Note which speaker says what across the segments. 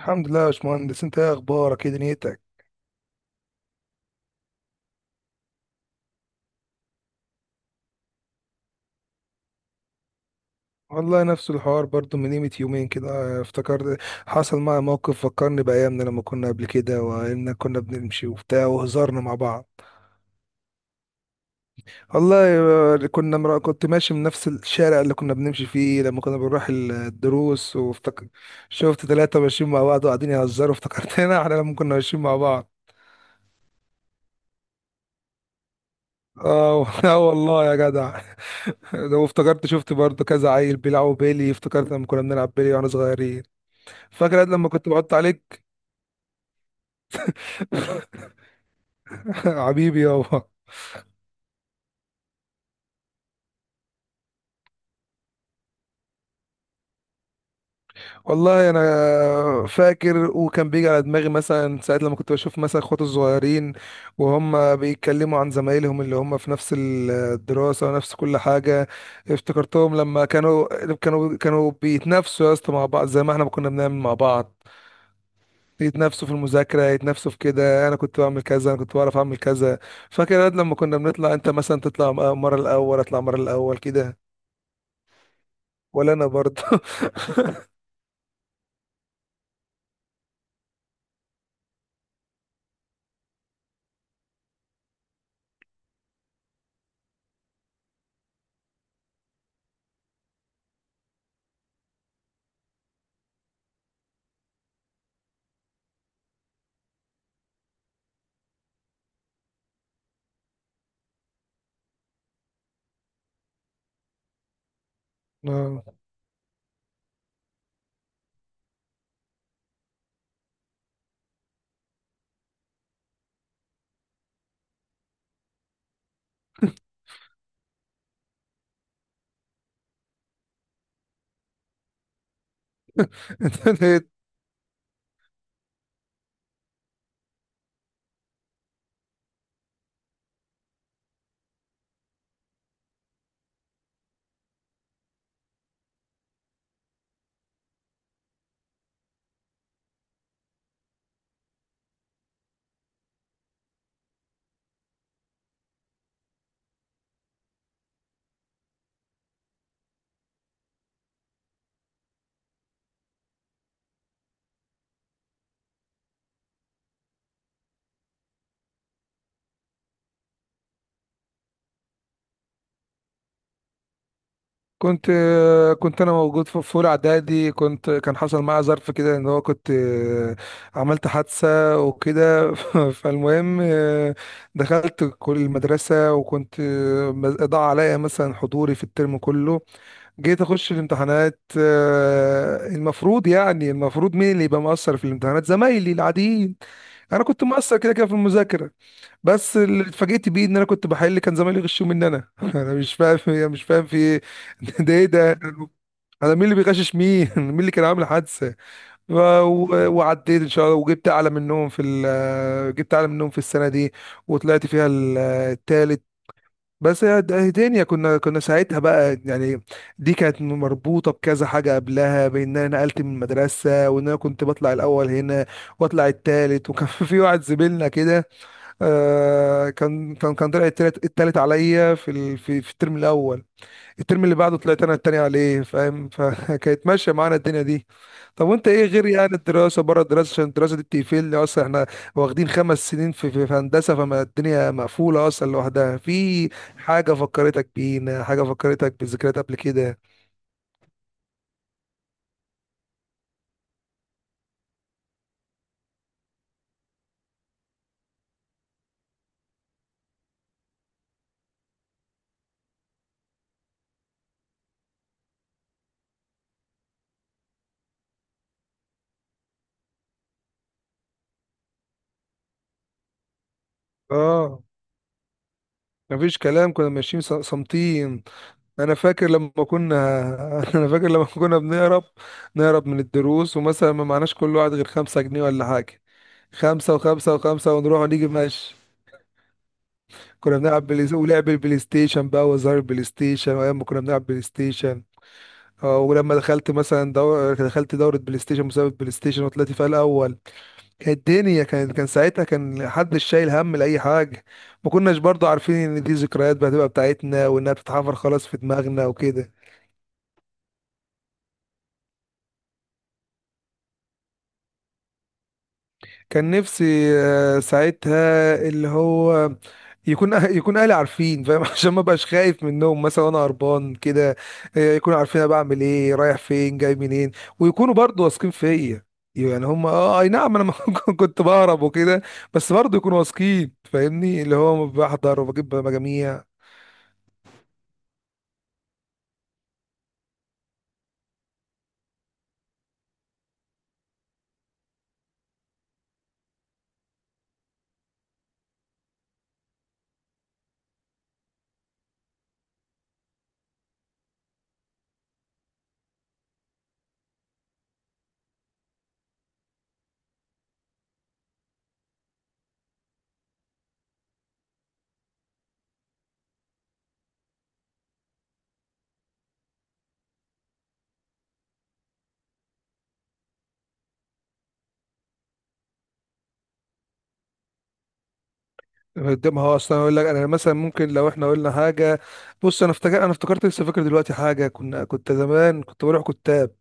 Speaker 1: الحمد لله يا باشمهندس، انت ايه اخبارك؟ ايه دنيتك؟ والله نفس الحوار برضو من قيمة يومين كده، افتكرت. حصل معايا موقف فكرني بأيامنا لما كنا قبل كده، وإن كنا بنمشي وبتاع وهزرنا مع بعض. والله، كنت ماشي من نفس الشارع اللي كنا بنمشي فيه لما كنا بنروح الدروس، وافتكر. شفت 3 ماشيين مع بعض وقاعدين يهزروا، افتكرتنا. احنا لما كنا ماشيين مع بعض. اه. اه والله يا جدع. ده، وافتكرت شفت برضو كذا عيل بيلعبوا بيلي، افتكرت لما كنا بنلعب بيلي واحنا صغيرين. فاكر قد لما كنت بعط عليك؟ حبيبي يابا. والله انا فاكر، وكان بيجي على دماغي مثلا ساعات لما كنت بشوف مثلا اخواتي الصغيرين، وهم بيتكلموا عن زمايلهم اللي هم في نفس الدراسة ونفس كل حاجة. افتكرتهم لما كانوا بيتنافسوا يا اسطى مع بعض زي ما احنا كنا بنعمل مع بعض. يتنافسوا في المذاكرة، يتنافسوا في كده، أنا كنت بعمل كذا، أنا كنت بعرف أعمل كذا. فاكر يا واد لما كنا بنطلع، أنت مثلا تطلع مرة الأول، أطلع مرة الأول كده؟ ولا أنا برضه. آه. كنت انا موجود في اولى اعدادي. كان حصل معايا ظرف كده ان هو كنت آه، عملت حادثه وكده. فالمهم، دخلت كل المدرسه، وكنت ضاع عليا مثلا حضوري في الترم كله. جيت اخش الامتحانات، المفروض يعني المفروض مين اللي يبقى مقصر في الامتحانات؟ زمايلي العاديين. انا كنت مقصر كده كده في المذاكره. بس اللي اتفاجئت بيه ان انا كنت بحل، كان زمايلي يغشوا مني انا. انا مش فاهم يعني مش فاهم في ايه. ده ايه ده؟ انا مين اللي بيغشش مين؟ مين اللي كان عامل حادثه؟ ف- وعديت ان شاء الله، وجبت اعلى منهم في ال- آه، جبت اعلى منهم في السنه دي، وطلعت فيها التالت. بس هي دنيا كنا ساعتها بقى يعني. دي كانت مربوطه بكذا حاجه قبلها، بان انا نقلت من المدرسه، وان انا كنت بطلع الاول هنا واطلع التالت. وكان في واحد زميلنا كده كان طلع التالت عليا في ال... في في الترم الاول. الترم اللي بعده طلعت انا التاني عليه، فاهم؟ فكانت ماشيه معانا الدنيا دي. طب وانت ايه غير يعني الدراسه؟ بره الدراسه، عشان الدراسه دي بتقفلني اصلا. احنا واخدين 5 سنين في هندسه، فما الدنيا مقفوله اصلا لوحدها. في حاجه فكرتك بينا؟ حاجه فكرتك بذكريات قبل كده؟ اه، مفيش كلام، كنا ماشيين صامتين. انا فاكر لما كنا. انا فاكر لما كنا بنهرب، نهرب من الدروس، ومثلا ما معناش كل واحد غير 5 جنيه ولا حاجة، خمسة وخمسة وخمسة، ونروح ونيجي ماشي. كنا بنلعب بلاي، ولعب البلاي ستيشن بقى وزار البلاي ستيشن، وايام ما كنا بنلعب بلاي ستيشن. اه، ولما دخلت دورة بلاي ستيشن، مسابقة بلاي ستيشن، وطلعت فيها الأول. كانت الدنيا، كان ساعتها كان حدش شايل هم لأي حاجة. ما كناش برضو عارفين إن دي ذكريات بقى هتبقى بتاعتنا، وإنها بتتحفر خلاص في دماغنا وكده. كان نفسي ساعتها اللي هو يكون يكون اهلي عارفين، فاهم؟ عشان ما بقاش خايف منهم مثلا وانا هربان كده. يكونوا عارفين انا بعمل ايه، رايح فين، جاي منين. ويكونوا برضو واثقين فيا. يعني هم اي نعم، انا ما كنت بهرب وكده. بس برضو يكونوا واثقين فاهمني اللي هو بحضر وبجيب مجاميع. قدامها اصلا، اقول لك انا مثلا ممكن لو احنا قلنا حاجه. بص، انا افتكرت لسه فاكر دلوقتي حاجه. كنت زمان كنت بروح كتاب.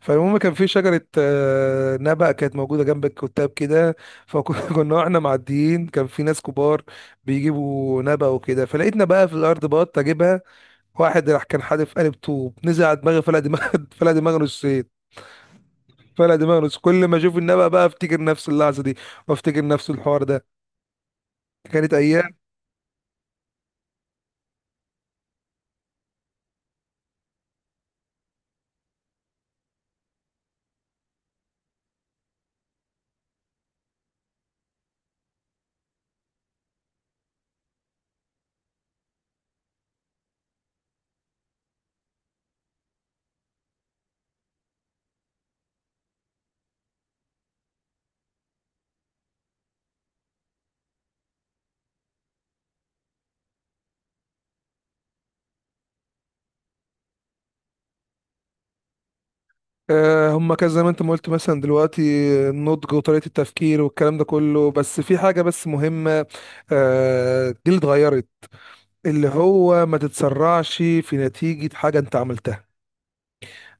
Speaker 1: فالمهم كان في شجرة نبق كانت موجودة جنب الكتاب كده. فكنا واحنا معديين كان في ناس كبار بيجيبوا نبق وكده، فلقيتنا بقى في الأرض بط أجيبها. واحد راح كان حادف قالب طوب، نزل على دماغي، فلقى دماغ. فلقى دماغه نصين، فلقى دماغه نص. كل ما أشوف النبق بقى، أفتكر نفس اللحظة دي، وأفتكر نفس الحوار ده. كانت أيام. هما كان زي ما أنت ما قلت مثلا دلوقتي، النضج وطريقة التفكير والكلام ده كله. بس في حاجة بس مهمة، جيل اتغيرت، اللي هو ما تتسرعش في نتيجة حاجة انت عملتها.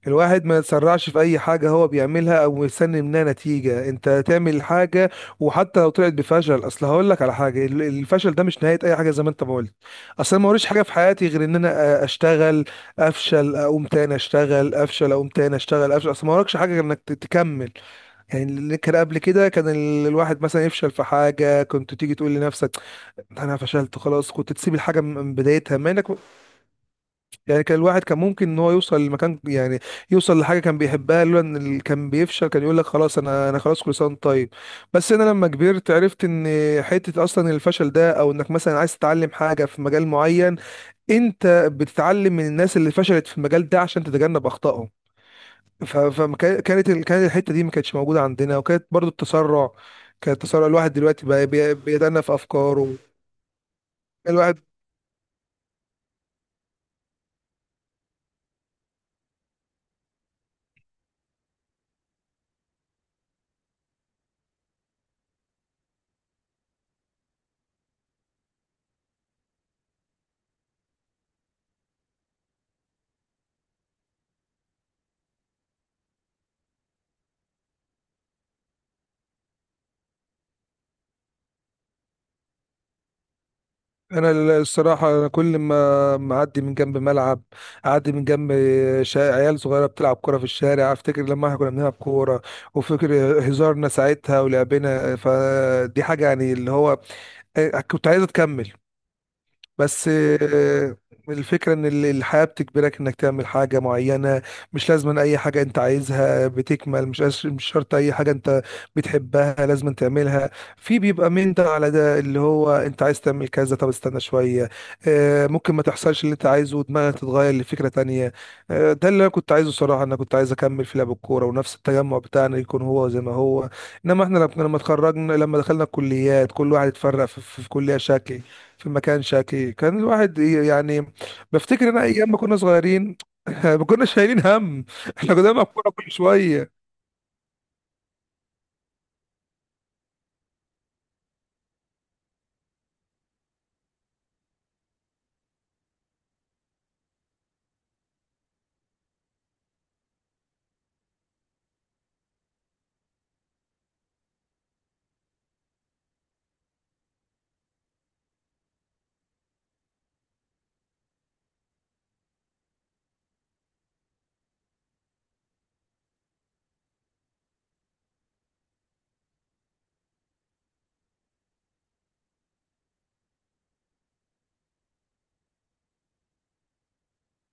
Speaker 1: الواحد ما يتسرعش في اي حاجة هو بيعملها او يستني منها نتيجة. انت تعمل حاجة، وحتى لو طلعت بفشل، اصل هقول لك على حاجة، الفشل ده مش نهاية اي حاجة، زي ما انت ما قلت. اصل أنا ما وريش حاجة في حياتي غير ان انا اشتغل، افشل، اقوم تاني اشتغل، افشل، اقوم تاني اشتغل، افشل. اصل ما وراكش حاجة غير انك تكمل. يعني اللي كان قبل كده، كان الواحد مثلا يفشل في حاجة، كنت تيجي تقول لنفسك انا فشلت خلاص، كنت تسيب الحاجه من بدايتها، ما انك يعني كان الواحد كان ممكن ان هو يوصل لمكان، يعني يوصل لحاجه كان بيحبها، لولا ان كان بيفشل، كان يقول لك خلاص انا خلاص، كل سنه وأنت طيب. بس انا لما كبرت عرفت ان حته اصلا الفشل ده، او انك مثلا عايز تتعلم حاجه في مجال معين، انت بتتعلم من الناس اللي فشلت في المجال ده عشان تتجنب اخطائهم. فكانت كانت الحته دي ما كانتش موجوده عندنا، وكانت برضو التسرع. كان التسرع، الواحد دلوقتي بقى بيتأنى في افكاره. الواحد، انا الصراحه أنا كل ما معدي من جنب ملعب، اعدي من جنب عيال صغيره بتلعب كوره في الشارع، افتكر لما احنا كنا بنلعب كوره، وفكر هزارنا ساعتها ولعبنا. فدي حاجه يعني اللي هو كنت عايزه تكمل. بس الفكرة ان الحياة بتجبرك انك تعمل حاجة معينة. مش لازم اي حاجة انت عايزها بتكمل، مش شرط اي حاجة انت بتحبها لازم تعملها. في بيبقى من ده على ده، اللي هو انت عايز تعمل كذا، طب استنى شوية. ممكن ما تحصلش اللي انت عايزه ودماغك تتغير لفكرة تانية. ده اللي انا كنت عايزه صراحة. انا كنت عايز اكمل في لعب الكورة، ونفس التجمع بتاعنا يكون هو زي ما هو. انما احنا لما اتخرجنا، لما دخلنا الكليات، كل واحد اتفرق في كلية شكل، في مكان شكلي. كان الواحد يعني بفتكر انا ايام ما كنا صغيرين. ما كناش شايلين هم، احنا كنا بنلعب كوره كل شويه.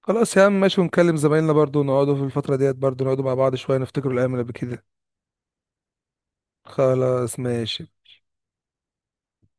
Speaker 1: خلاص يا عم، ماشي، ونكلم زمايلنا برضو، نقعدوا في الفتره ديت برضو، نقعدوا مع بعض شويه، نفتكروا الايام اللي قبل كده. خلاص ماشي.